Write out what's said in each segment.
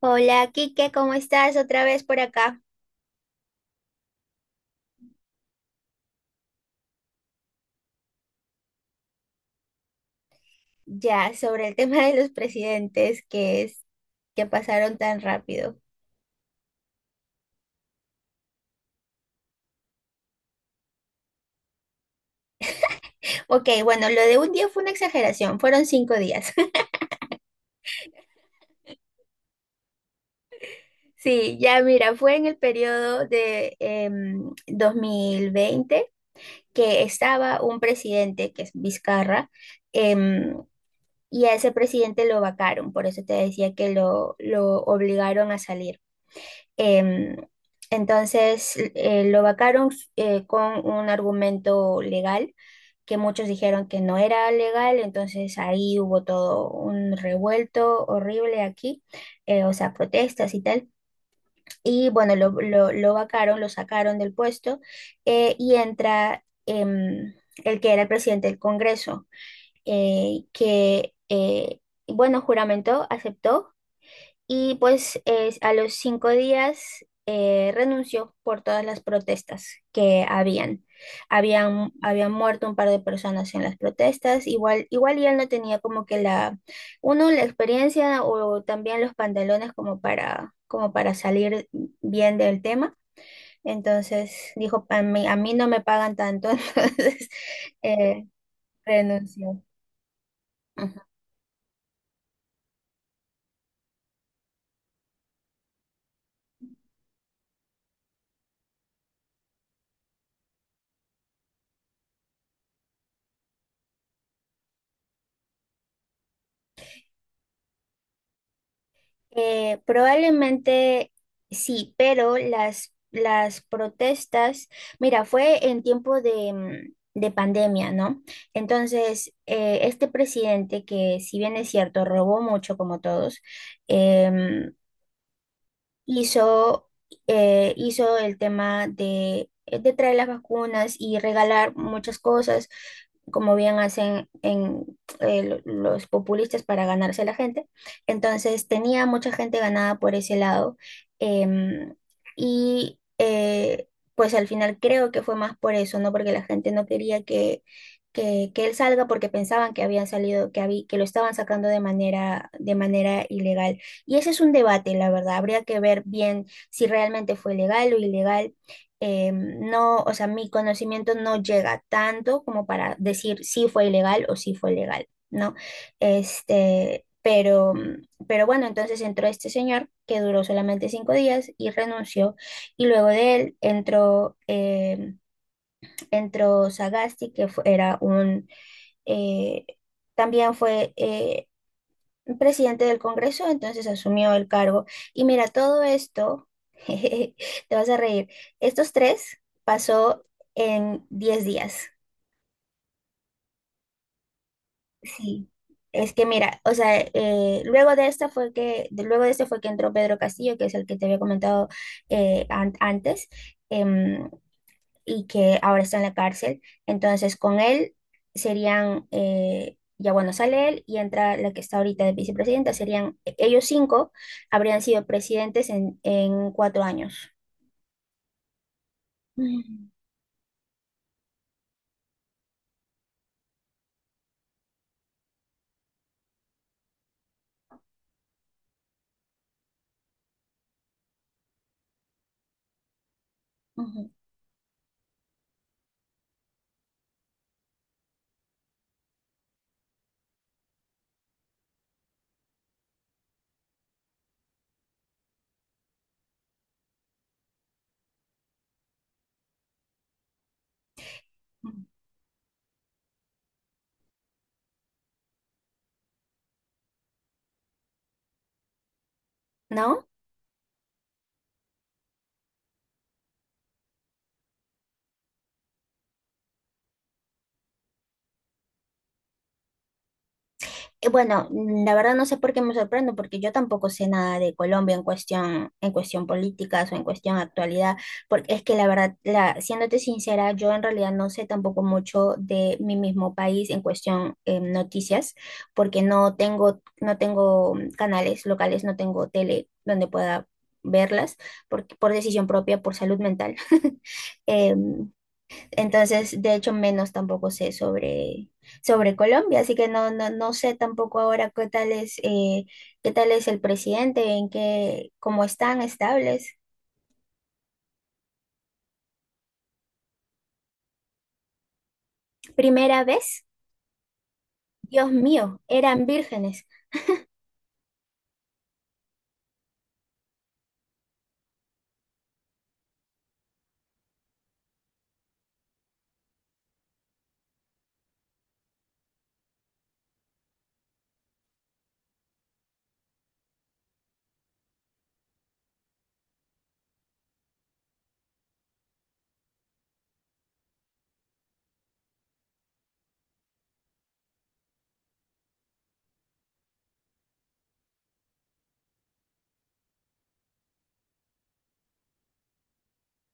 Hola, Kike, ¿cómo estás? Otra vez por acá. Ya, sobre el tema de los presidentes que pasaron tan rápido. Ok, bueno, lo de un día fue una exageración, fueron 5 días. Sí, ya mira, fue en el periodo de 2020, que estaba un presidente, que es Vizcarra. Em, y a ese presidente lo vacaron, por eso te decía que lo obligaron a salir. Em, entonces lo vacaron con un argumento legal que muchos dijeron que no era legal. Entonces ahí hubo todo un revuelto horrible aquí, o sea, protestas y tal. Y bueno, lo vacaron, lo sacaron del puesto y entra el que era el presidente del Congreso, eh, que, eh, bueno, juramentó, aceptó y pues a los 5 días renunció por todas las protestas que habían. Habían muerto un par de personas en las protestas. Igual, y él no tenía como que uno, la experiencia o también los pantalones como para, como para salir bien del tema. Entonces dijo, a mí no me pagan tanto, entonces eh, renunció. Probablemente sí, pero las protestas, mira, fue en tiempo de, mm, de pandemia, ¿no? Entonces, este presidente, que si bien es cierto, robó mucho como todos. Em, hizo, eh, hizo el tema de traer las vacunas y regalar muchas cosas, como bien hacen los populistas para ganarse a la gente. Entonces tenía mucha gente ganada por ese lado. em, y pues al final creo que fue más por eso, ¿no? Porque la gente no quería que él salga, porque pensaban que habían salido, que lo estaban sacando de manera ilegal. Y ese es un debate, la verdad. Habría que ver bien si realmente fue legal o ilegal. No, o sea, mi conocimiento no llega tanto como para decir si fue ilegal o si fue legal, ¿no? Este, pero bueno, entonces entró este señor que duró solamente 5 días y renunció. Y luego de él entró Sagasti, que era eh, también fue presidente del Congreso. Entonces asumió el cargo. Y mira, todo esto, jejeje, te vas a reír, estos tres pasó en 10 días. Sí, es que mira, o sea, luego de este fue que entró Pedro Castillo, que es el que te había comentado antes. em, y que ahora está en la cárcel. Entonces, con él ya bueno, sale él y entra la que está ahorita de vicepresidenta. Serían ellos cinco, habrían sido presidentes en 4 años. Mm, ujú, ujú. ¿No? Bueno, la verdad no sé por qué me sorprendo, porque yo tampoco sé nada de Colombia en cuestión, políticas o en cuestión actualidad, porque es que la verdad, siéndote sincera, yo en realidad no sé tampoco mucho de mi mismo país en cuestión noticias, porque no tengo canales locales, no tengo tele donde pueda verlas, por decisión propia, por salud mental. Em, entonces, de hecho, menos tampoco sé sobre, sobre Colombia, así que no, no, no sé tampoco ahora qué tal es el presidente, cómo están estables. Primera vez, Dios mío, eran vírgenes.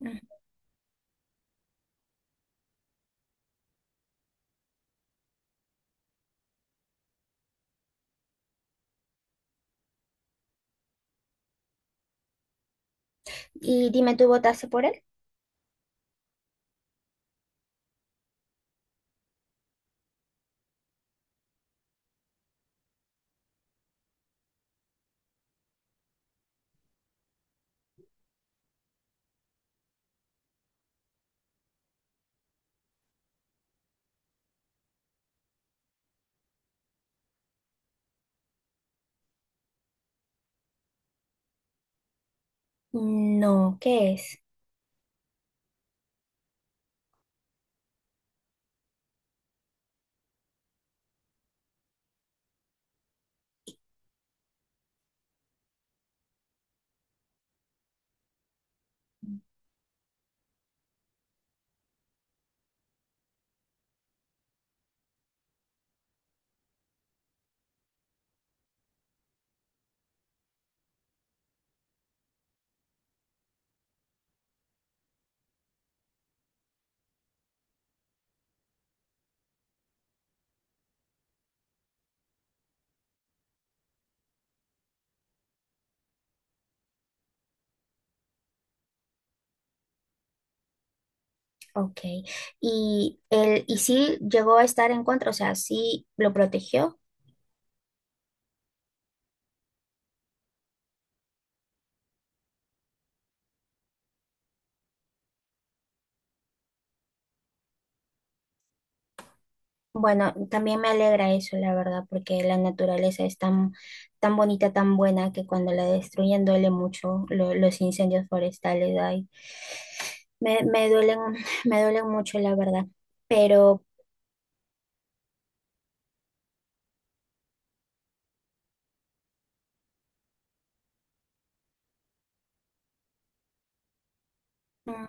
Mm. Y dime, ¿tú votaste por él? No, ¿qué es? Ok. Y sí llegó a estar en contra, o sea, sí lo protegió. Bueno, también me alegra eso, la verdad, porque la naturaleza es tan, tan bonita, tan buena, que cuando la destruyen duele mucho los incendios forestales. Ay, me duelen, me duelen mucho, la verdad. Pero mm,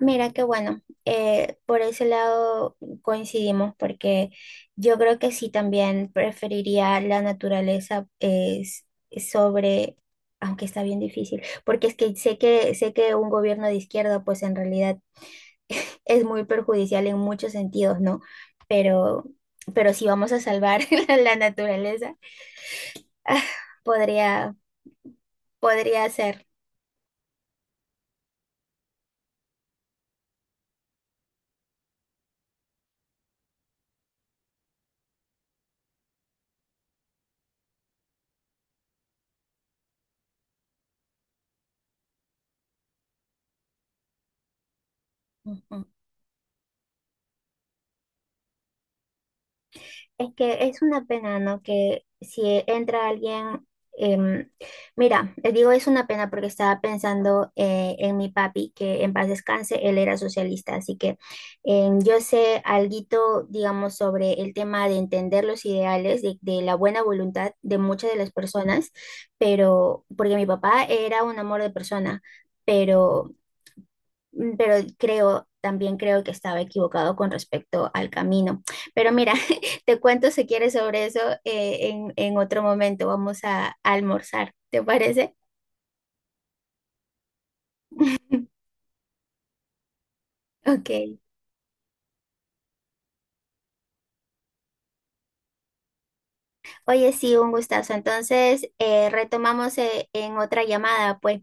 mira qué bueno, por ese lado coincidimos, porque yo creo que sí también preferiría la naturaleza sobre, aunque está bien difícil. Porque es que sé que un gobierno de izquierda, pues en realidad es muy perjudicial en muchos sentidos, ¿no? Pero, pero si vamos a salvar la naturaleza, ah, podría, podría ser. Ujú. Es que es una pena, ¿no? Que si entra alguien, em, mira, les digo, es una pena porque estaba pensando en mi papi, que en paz descanse. Él era socialista, así que yo sé alguito, digamos, sobre el tema de entender los ideales, de la buena voluntad de muchas de las personas, pero porque mi papá era un amor de persona. Pero pero también creo que estaba equivocado con respecto al camino. Pero mira, te cuento si quieres sobre eso en otro momento. Vamos a almorzar, ¿te parece? Ok. Oye, sí, un gustazo. Entonces, retomamos en otra llamada, pues.